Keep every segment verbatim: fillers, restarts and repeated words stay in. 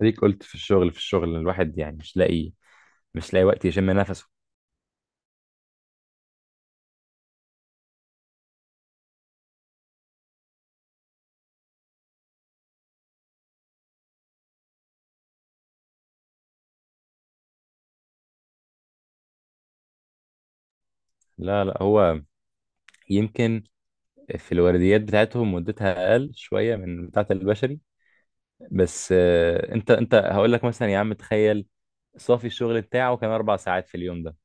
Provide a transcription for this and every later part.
اديك قلت في الشغل في الشغل. الواحد يعني مش لاقي مش لاقي وقت يشم نفسه. لا لا، هو يمكن في الورديات بتاعتهم مدتها اقل شويه من بتاعه البشري. بس آه، انت انت هقول لك مثلا، يا عم تخيل صافي الشغل بتاعه كان اربع ساعات في اليوم ده.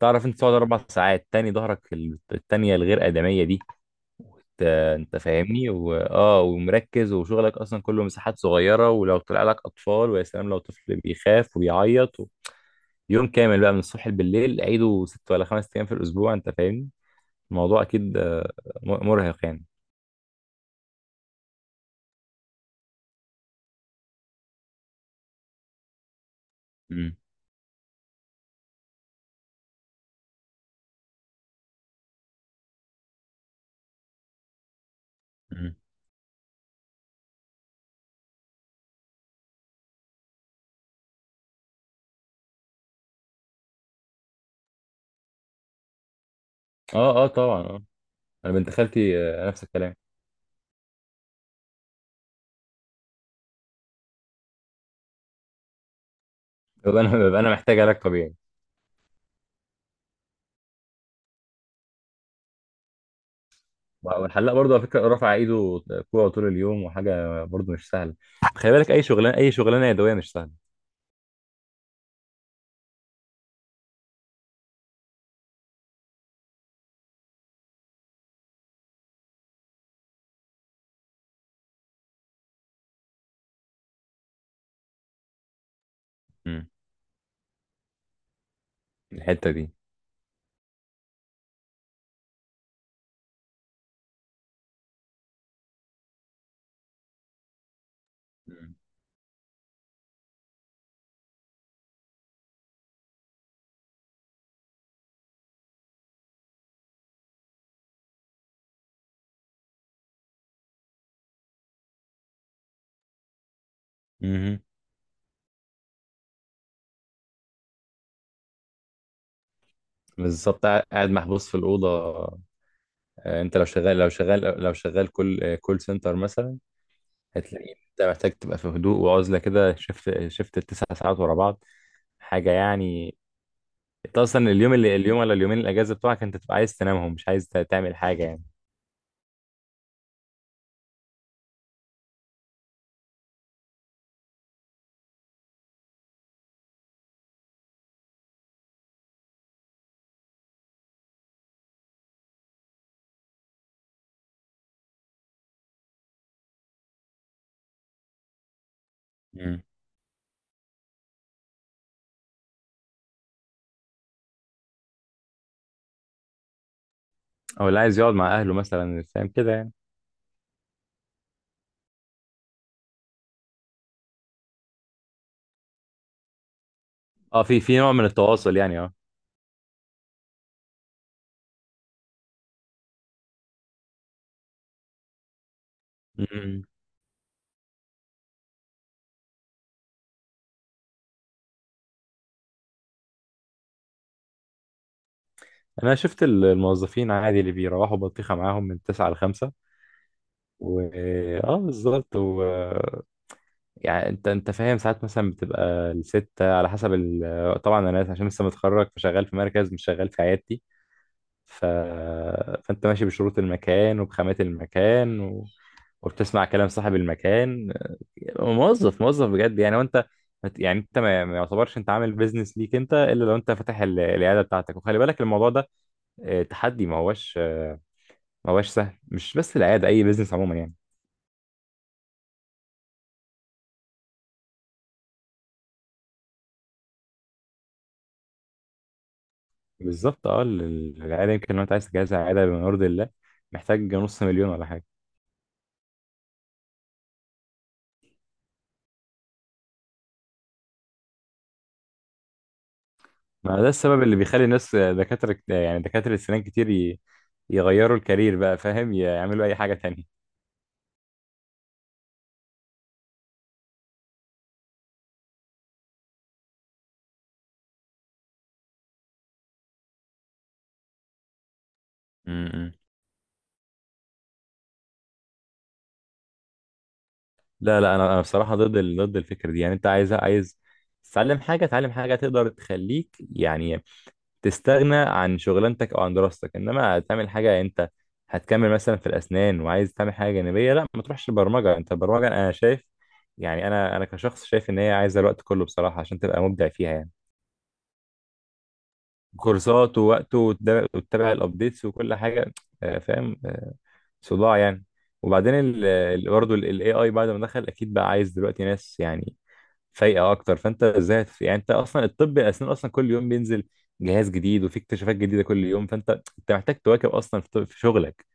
تعرف انت تقعد اربع ساعات تاني ظهرك ال- التانيه الغير ادميه دي. انت انت فاهمني واه ومركز، وشغلك اصلا كله مساحات صغيره، ولو طلع لك اطفال، ويا سلام لو طفل بيخاف وبيعيط يوم كامل بقى من الصبح بالليل، عيده ست ولا خمس ايام في الاسبوع. انت فاهمني الموضوع اكيد آه، م- مرهق يعني. مم. مم. اه اه، طبعا اه. انا بنت خالتي آه، نفس الكلام. ببقى انا ببقى انا محتاج علاج طبيعي. والحلاق برضه على فكره رافع ايده كوع طول اليوم، وحاجه برضه مش سهله. خلي بالك اي شغلانه، اي شغلانه يدويه مش سهله. مم. الحته دي. مم. مهم. بالظبط، قاعد محبوس في الاوضه. آه، انت لو شغال، لو شغال لو شغال كول كول سنتر مثلا، هتلاقي انت محتاج تبقى في هدوء وعزله كده. شفت شفت التسع ساعات ورا بعض، حاجه يعني. انت اصلا اليوم اللي اليوم ولا اليومين الاجازه بتوعك، انت تبقى عايز تنامهم، مش عايز ت- تعمل حاجه يعني. مم. او اللي عايز يقعد مع اهله مثلا، فاهم كده يعني. اه، في في نوع من التواصل يعني، اه. مم. انا شفت ال- الموظفين عادي اللي بيروحوا بطيخه معاهم من تسعة ل الخمسة. و اه بالظبط. و يعني انت انت فاهم، ساعات مثلا بتبقى الستة على حسب ال... طبعا انا عشان لسه متخرج، فشغال في مركز مش شغال في عيادتي. ف... فانت ماشي بشروط المكان وبخامات المكان و... وبتسمع كلام صاحب المكان. موظف موظف بجد يعني. وانت مت-، يعني انت ما ما يعتبرش انت عامل بيزنس ليك، انت الا لو انت فاتح ال- العياده بتاعتك. وخلي بالك الموضوع ده آه، تحدي، ما هوش آه، ما هوش سهل. مش بس العياده، اي بيزنس عموما يعني. بالظبط اه، ال- العياده يمكن لو انت عايز تجهزها عياده بما يرضي الله، محتاج نص مليون ولا حاجه. ما ده السبب اللي بيخلي الناس دكاترة كت- يعني دكاترة السنان كتير ي... يغيروا الكارير بقى، فاهم، يعملوا أي حاجة تانية. امم. لا لا، أنا أنا بصراحة ضد ال... ضد الفكرة دي. يعني أنت عايز، عايز تتعلم حاجة، تعلم حاجة تقدر تخليك يعني تستغنى عن شغلانتك أو عن دراستك. إنما تعمل حاجة، أنت هتكمل مثلا في الأسنان وعايز تعمل حاجة جانبية، لا ما تروحش البرمجة. أنت البرمجة أنا شايف يعني، أنا أنا كشخص شايف إن هي عايزة الوقت كله بصراحة عشان تبقى مبدع فيها يعني. كورسات ووقت، وتدا- وتتابع الابديتس وكل حاجه. آه، فاهم، آه، صداع يعني. وبعدين ال- ال- برضه الاي اي بعد ما دخل، اكيد بقى عايز دلوقتي ناس يعني فايقه اكتر. فانت ازاي هتف- يعني انت اصلا الطب الاسنان اصلا كل يوم بينزل جهاز جديد، وفي اكتشافات جديده كل يوم. فانت انت محتاج تواكب اصلا في في شغلك.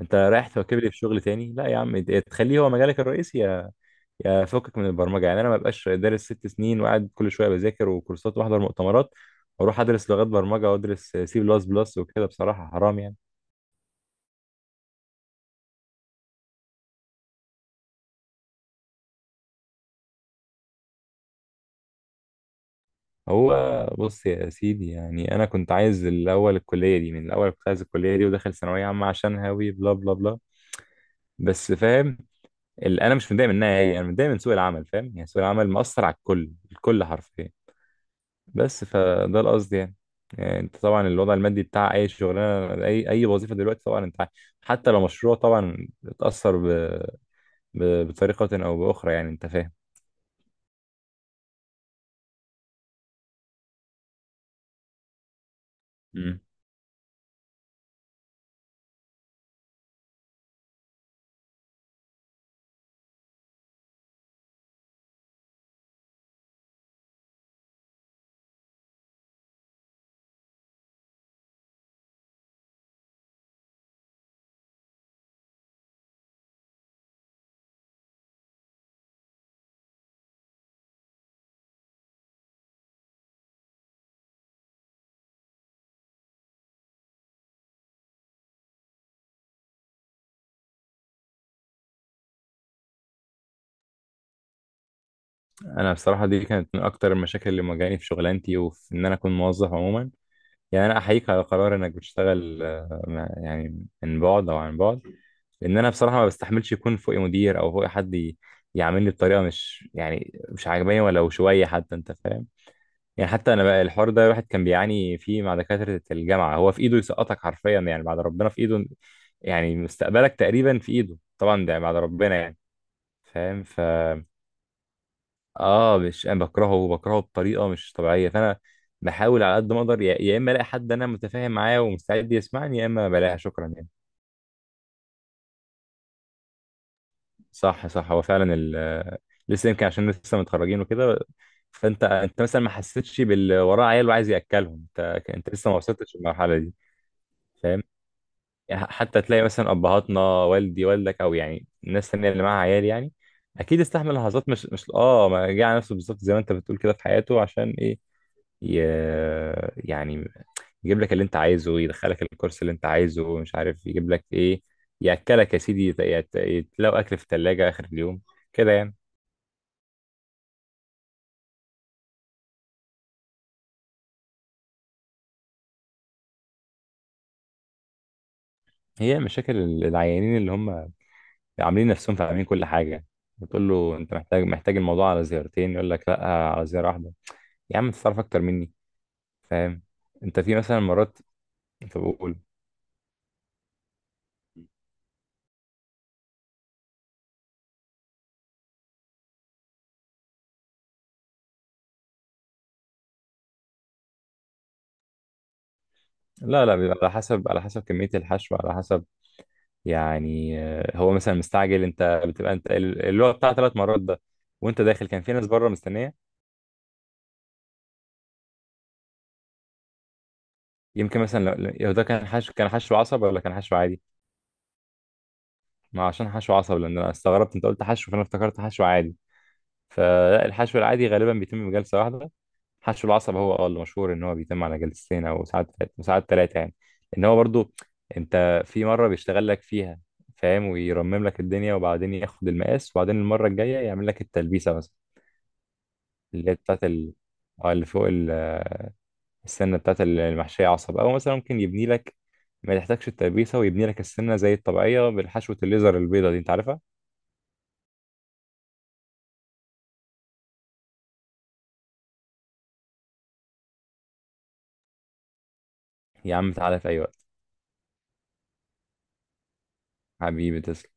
انت رايح تواكب لي في شغل تاني؟ لا يا عم، إيه، تخليه هو مجالك الرئيسي، يا فكك من البرمجه. يعني انا ما بقاش دارس ست سنين وقاعد كل شويه بذاكر وكورسات واحضر مؤتمرات واروح ادرس لغات برمجه وادرس سي بلس بلس وكده. بصراحه حرام يعني. هو بص يا سيدي، يعني انا كنت عايز الاول الكليه دي، من الاول كنت عايز الكليه دي، وداخل ثانويه عامه عشان هاوي بلا بلا بلا، بس فاهم ال-، انا مش متضايق منها هي، انا متضايق من سوق العمل، فاهم يعني. سوق العمل مأثر على الكل، الكل حرفيا. بس فده القصد يعني. يعني انت طبعا الوضع المادي بتاع اي شغلانه، اي اي وظيفه دلوقتي طبعا انت عارف، حتى لو مشروع طبعا اتاثر ب... ب... بطريقه او باخرى يعني انت فاهم. مم. انا بصراحه دي كانت من اكتر المشاكل اللي مواجهاني في شغلانتي، وفي ان انا اكون موظف عموما. يعني انا احييك على قرار انك بتشتغل آه، مع- يعني من بعد او عن بعد. لان انا بصراحه ما بستحملش يكون فوقي مدير او فوقي حد ي- يعاملني بطريقه مش يعني مش عاجباني، ولو شويه حتى، انت فاهم. يعني حتى انا بقى، الحوار ده الواحد كان بيعاني فيه مع دكاترة الجامعة. هو في ايده يسقطك حرفيا يعني، بعد ربنا في ايده. يعني مستقبلك تقريبا في ايده، طبعا ده بعد ربنا يعني. فاهم، ف... اه مش، انا بكرهه، بكرهه بطريقة مش طبيعية. فانا بحاول على قد ما اقدر، يا يا اما الاقي حد انا متفاهم معاه ومستعد يسمعني، يا اما بلاقيها شكرا يعني. صح صح، هو فعلا ال... لسه يمكن عشان لسه متخرجين وكده. فانت انت مثلا ما حسيتش باللي وراه عيال وعايز ياكلهم. انت انت لسه ما وصلتش للمرحلة دي، فاهم؟ يعني حتى تلاقي مثلا ابهاتنا، والدي والدك، او يعني الناس التانية اللي معاها عيال يعني، اكيد استحمل لحظات مش مش اه، ما جه على نفسه بالظبط زي ما انت بتقول كده في حياته. عشان ايه؟ ي... يعني يجيب لك اللي انت عايزه، يدخلك الكورس اللي انت عايزه، مش عارف يجيب لك ايه. ياكلك يا سيدي، يت- يت- يتلاقوا اكل في الثلاجه اخر اليوم كده يعني. هي مشاكل العيانين اللي هم عاملين نفسهم فاهمين كل حاجه. بتقول له انت محتاج، محتاج الموضوع على زيارتين، يقول لك لا على زياره واحده. يا عم انت تعرف اكتر مني، فاهم؟ انت في مثلا مرات بقول. لا لا، بيبقى على حسب، على حسب كمية الحشو، على حسب. يعني آه، هو مثلا مستعجل، انت بتبقى انت ال- اللي هو بتاع ثلاث مرات ده، وانت داخل كان في ناس بره مستنية. يمكن مثلا، لو لو ده كان حشو، كان حشو عصب ولا كان حشو عادي. ما عشان حشو عصب، لان انا استغربت انت قلت حشو، فانا افتكرت حشو عادي. فالحشو العادي غالبا بيتم بجلسة واحدة. حشو العصب هو اه اللي مشهور ان هو بيتم على جلستين، او ساعات ساعات ثلاثه يعني. ان هو برضو، انت في مره بيشتغل لك فيها، فاهم، ويرمم لك الدنيا، وبعدين ياخد المقاس، وبعدين المره الجايه يعمل لك التلبيسه مثلا، اللي هي بتاعت ال... اه اللي فوق ال... آه، السنه بتاعت المحشيه عصب. او مثلا ممكن يبني لك ما تحتاجش التلبيسه، ويبني لك السنه زي الطبيعيه بالحشوه الليزر البيضه دي، انت عارفها. يا عم تعالى في اي وقت. حبيبي تسلم.